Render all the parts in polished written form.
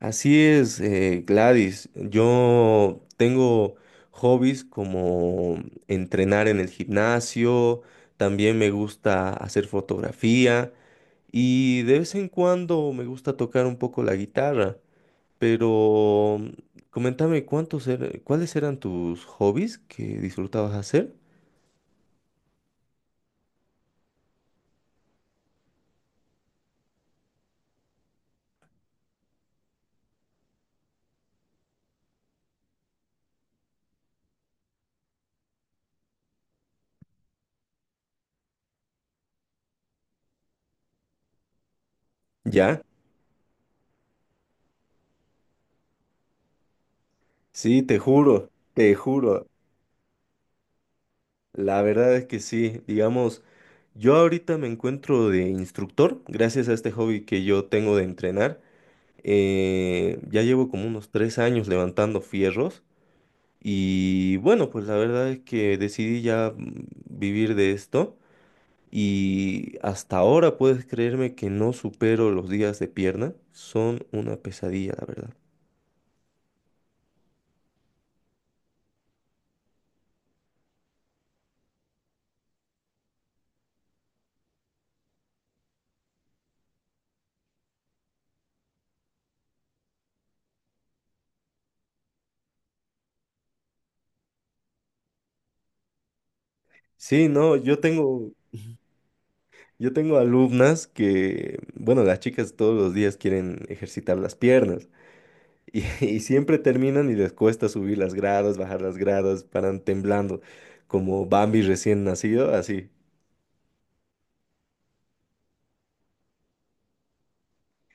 Así es, Gladys. Yo tengo hobbies como entrenar en el gimnasio, también me gusta hacer fotografía y de vez en cuando me gusta tocar un poco la guitarra. Pero coméntame cuáles eran tus hobbies que disfrutabas hacer. Ya, sí, te juro, te juro. La verdad es que sí, digamos, yo ahorita me encuentro de instructor, gracias a este hobby que yo tengo de entrenar. Ya llevo como unos 3 años levantando fierros y bueno, pues la verdad es que decidí ya vivir de esto y hasta ahora puedes creerme que no supero los días de pierna, son una pesadilla, la verdad. Sí, no, yo tengo alumnas que, bueno, las chicas todos los días quieren ejercitar las piernas. Y, y siempre terminan y les cuesta subir las gradas, bajar las gradas, paran temblando, como Bambi recién nacido, así.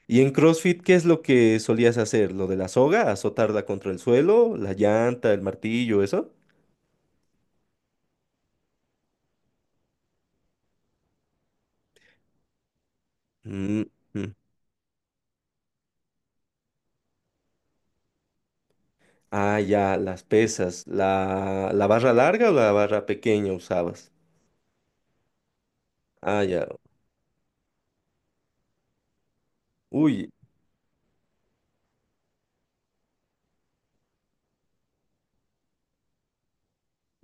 Y en CrossFit, ¿qué es lo que solías hacer? ¿Lo de la soga? ¿Azotarla contra el suelo? ¿La llanta, el martillo, eso? Mm, mm. Ah, ya, las pesas. ¿La barra larga o la barra pequeña usabas? Ah, ya. Uy,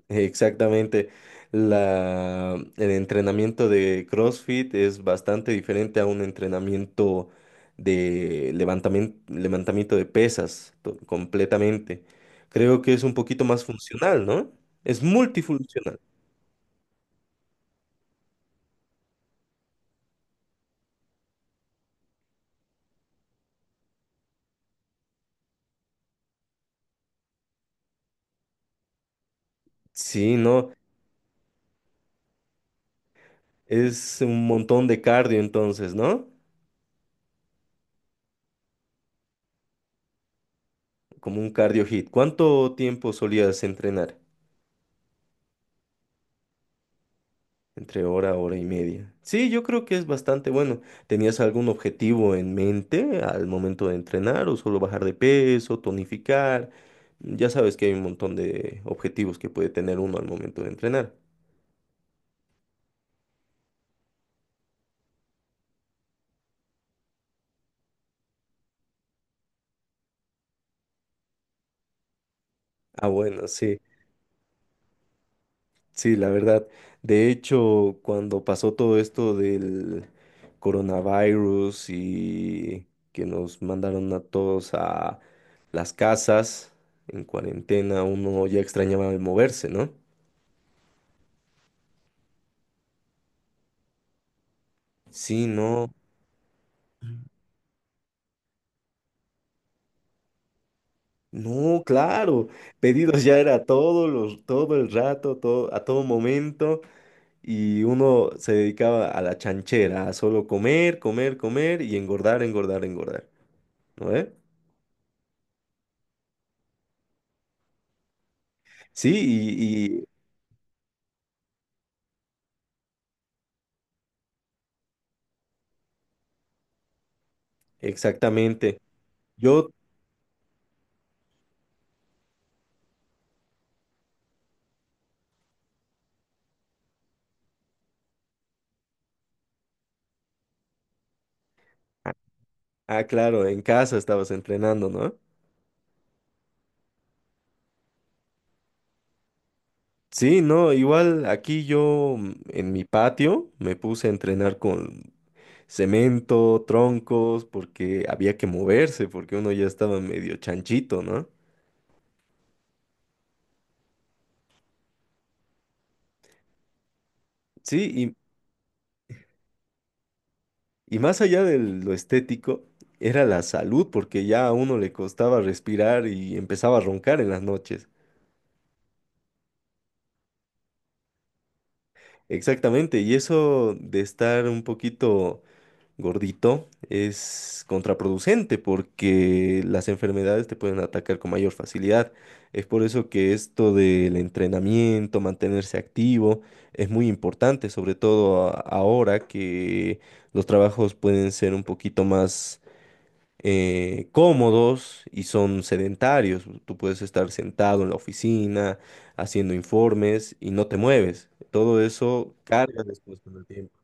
exactamente. El entrenamiento de CrossFit es bastante diferente a un entrenamiento de levantamiento de pesas completamente. Creo que es un poquito más funcional, ¿no? Es multifuncional. Sí, ¿no? Es un montón de cardio entonces, ¿no? Como un cardio hit. ¿Cuánto tiempo solías entrenar? Entre hora, hora y media. Sí, yo creo que es bastante bueno. ¿Tenías algún objetivo en mente al momento de entrenar o solo bajar de peso, tonificar? Ya sabes que hay un montón de objetivos que puede tener uno al momento de entrenar. Ah, bueno, sí, sí, la verdad. De hecho, cuando pasó todo esto del coronavirus y que nos mandaron a todos a las casas en cuarentena, uno ya extrañaba el moverse, ¿no? Sí, no, no, claro, pedidos ya era todo, los, todo el rato, todo, a todo momento, y uno se dedicaba a la chanchera, a solo comer, comer, comer y engordar, engordar, engordar, ¿no ve? Sí, y exactamente. Yo, ah, claro, en casa estabas entrenando, ¿no? Sí, no, igual aquí yo en mi patio me puse a entrenar con cemento, troncos, porque había que moverse, porque uno ya estaba medio chanchito, ¿no? Sí, y más allá de lo estético, era la salud, porque ya a uno le costaba respirar y empezaba a roncar en las noches. Exactamente, y eso de estar un poquito gordito es contraproducente porque las enfermedades te pueden atacar con mayor facilidad. Es por eso que esto del entrenamiento, mantenerse activo, es muy importante, sobre todo ahora que los trabajos pueden ser un poquito más cómodos y son sedentarios. Tú puedes estar sentado en la oficina haciendo informes y no te mueves. Todo eso carga después con el tiempo.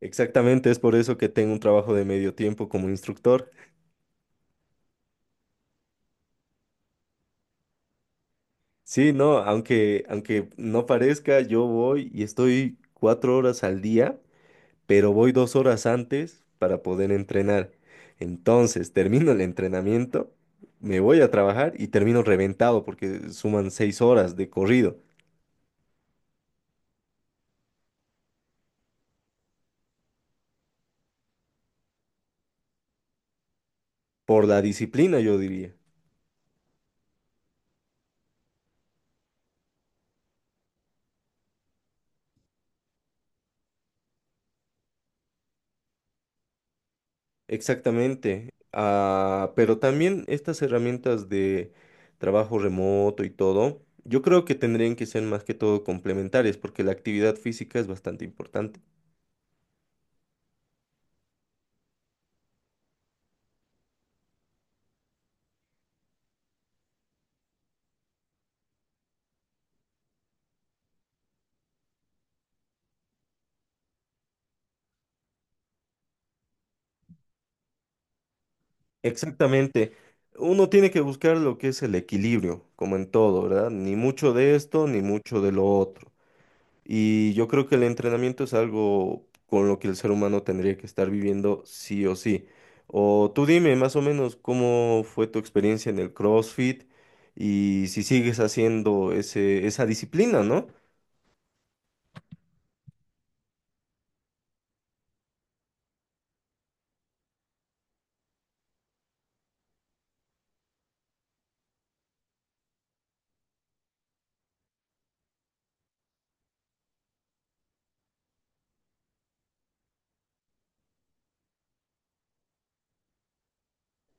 Exactamente, es por eso que tengo un trabajo de medio tiempo como instructor. Sí, no, aunque no parezca, yo voy y estoy 4 horas al día, pero voy 2 horas antes para poder entrenar. Entonces, termino el entrenamiento, me voy a trabajar y termino reventado porque suman 6 horas de corrido. Por la disciplina, yo diría. Exactamente. Ah, pero también estas herramientas de trabajo remoto y todo, yo creo que tendrían que ser más que todo complementarias, porque la actividad física es bastante importante. Exactamente. Uno tiene que buscar lo que es el equilibrio, como en todo, ¿verdad? Ni mucho de esto, ni mucho de lo otro. Y yo creo que el entrenamiento es algo con lo que el ser humano tendría que estar viviendo sí o sí. O tú dime más o menos cómo fue tu experiencia en el CrossFit y si sigues haciendo esa disciplina, ¿no?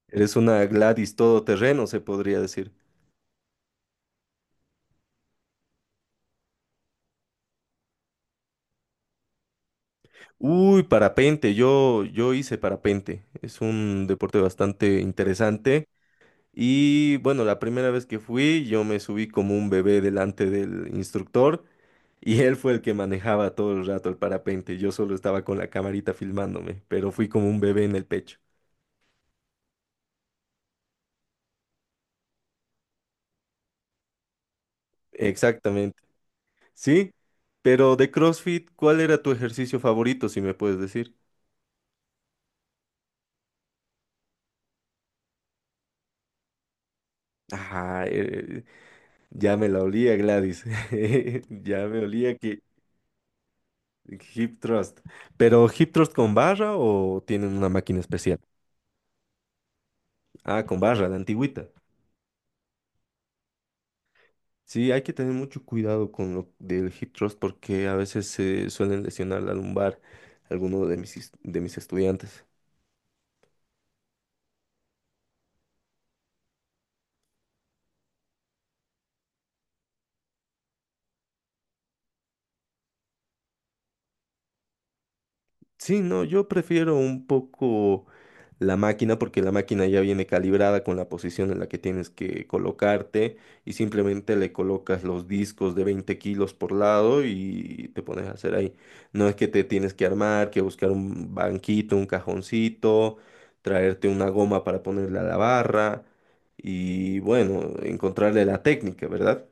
Eres una Gladys todoterreno, se podría decir. Uy, parapente, yo hice parapente. Es un deporte bastante interesante. Y bueno, la primera vez que fui, yo me subí como un bebé delante del instructor y él fue el que manejaba todo el rato el parapente. Yo solo estaba con la camarita filmándome, pero fui como un bebé en el pecho. Exactamente. Sí, pero de CrossFit, ¿cuál era tu ejercicio favorito, si me puedes decir? Ah, ya me la olía, Gladys. Ya me olía que hip thrust. ¿Pero hip thrust con barra o tienen una máquina especial? Ah, con barra, la antigüita. Sí, hay que tener mucho cuidado con lo del hip thrust porque a veces se suelen lesionar la lumbar algunos de de mis estudiantes. Sí, no, yo prefiero un poco la máquina porque la máquina ya viene calibrada con la posición en la que tienes que colocarte y simplemente le colocas los discos de 20 kilos por lado y te pones a hacer ahí. No es que te tienes que armar, que buscar un banquito, un cajoncito, traerte una goma para ponerle a la barra y bueno, encontrarle la técnica, ¿verdad?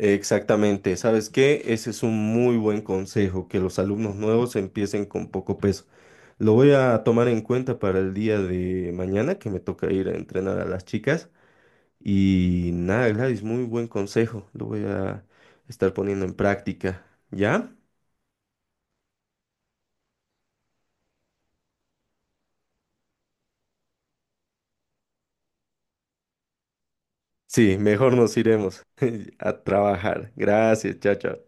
Exactamente, ¿sabes qué? Ese es un muy buen consejo, que los alumnos nuevos empiecen con poco peso. Lo voy a tomar en cuenta para el día de mañana, que me toca ir a entrenar a las chicas. Y nada, Gladys, muy buen consejo, lo voy a estar poniendo en práctica, ¿ya? Sí, mejor nos iremos a trabajar. Gracias, chao, chao.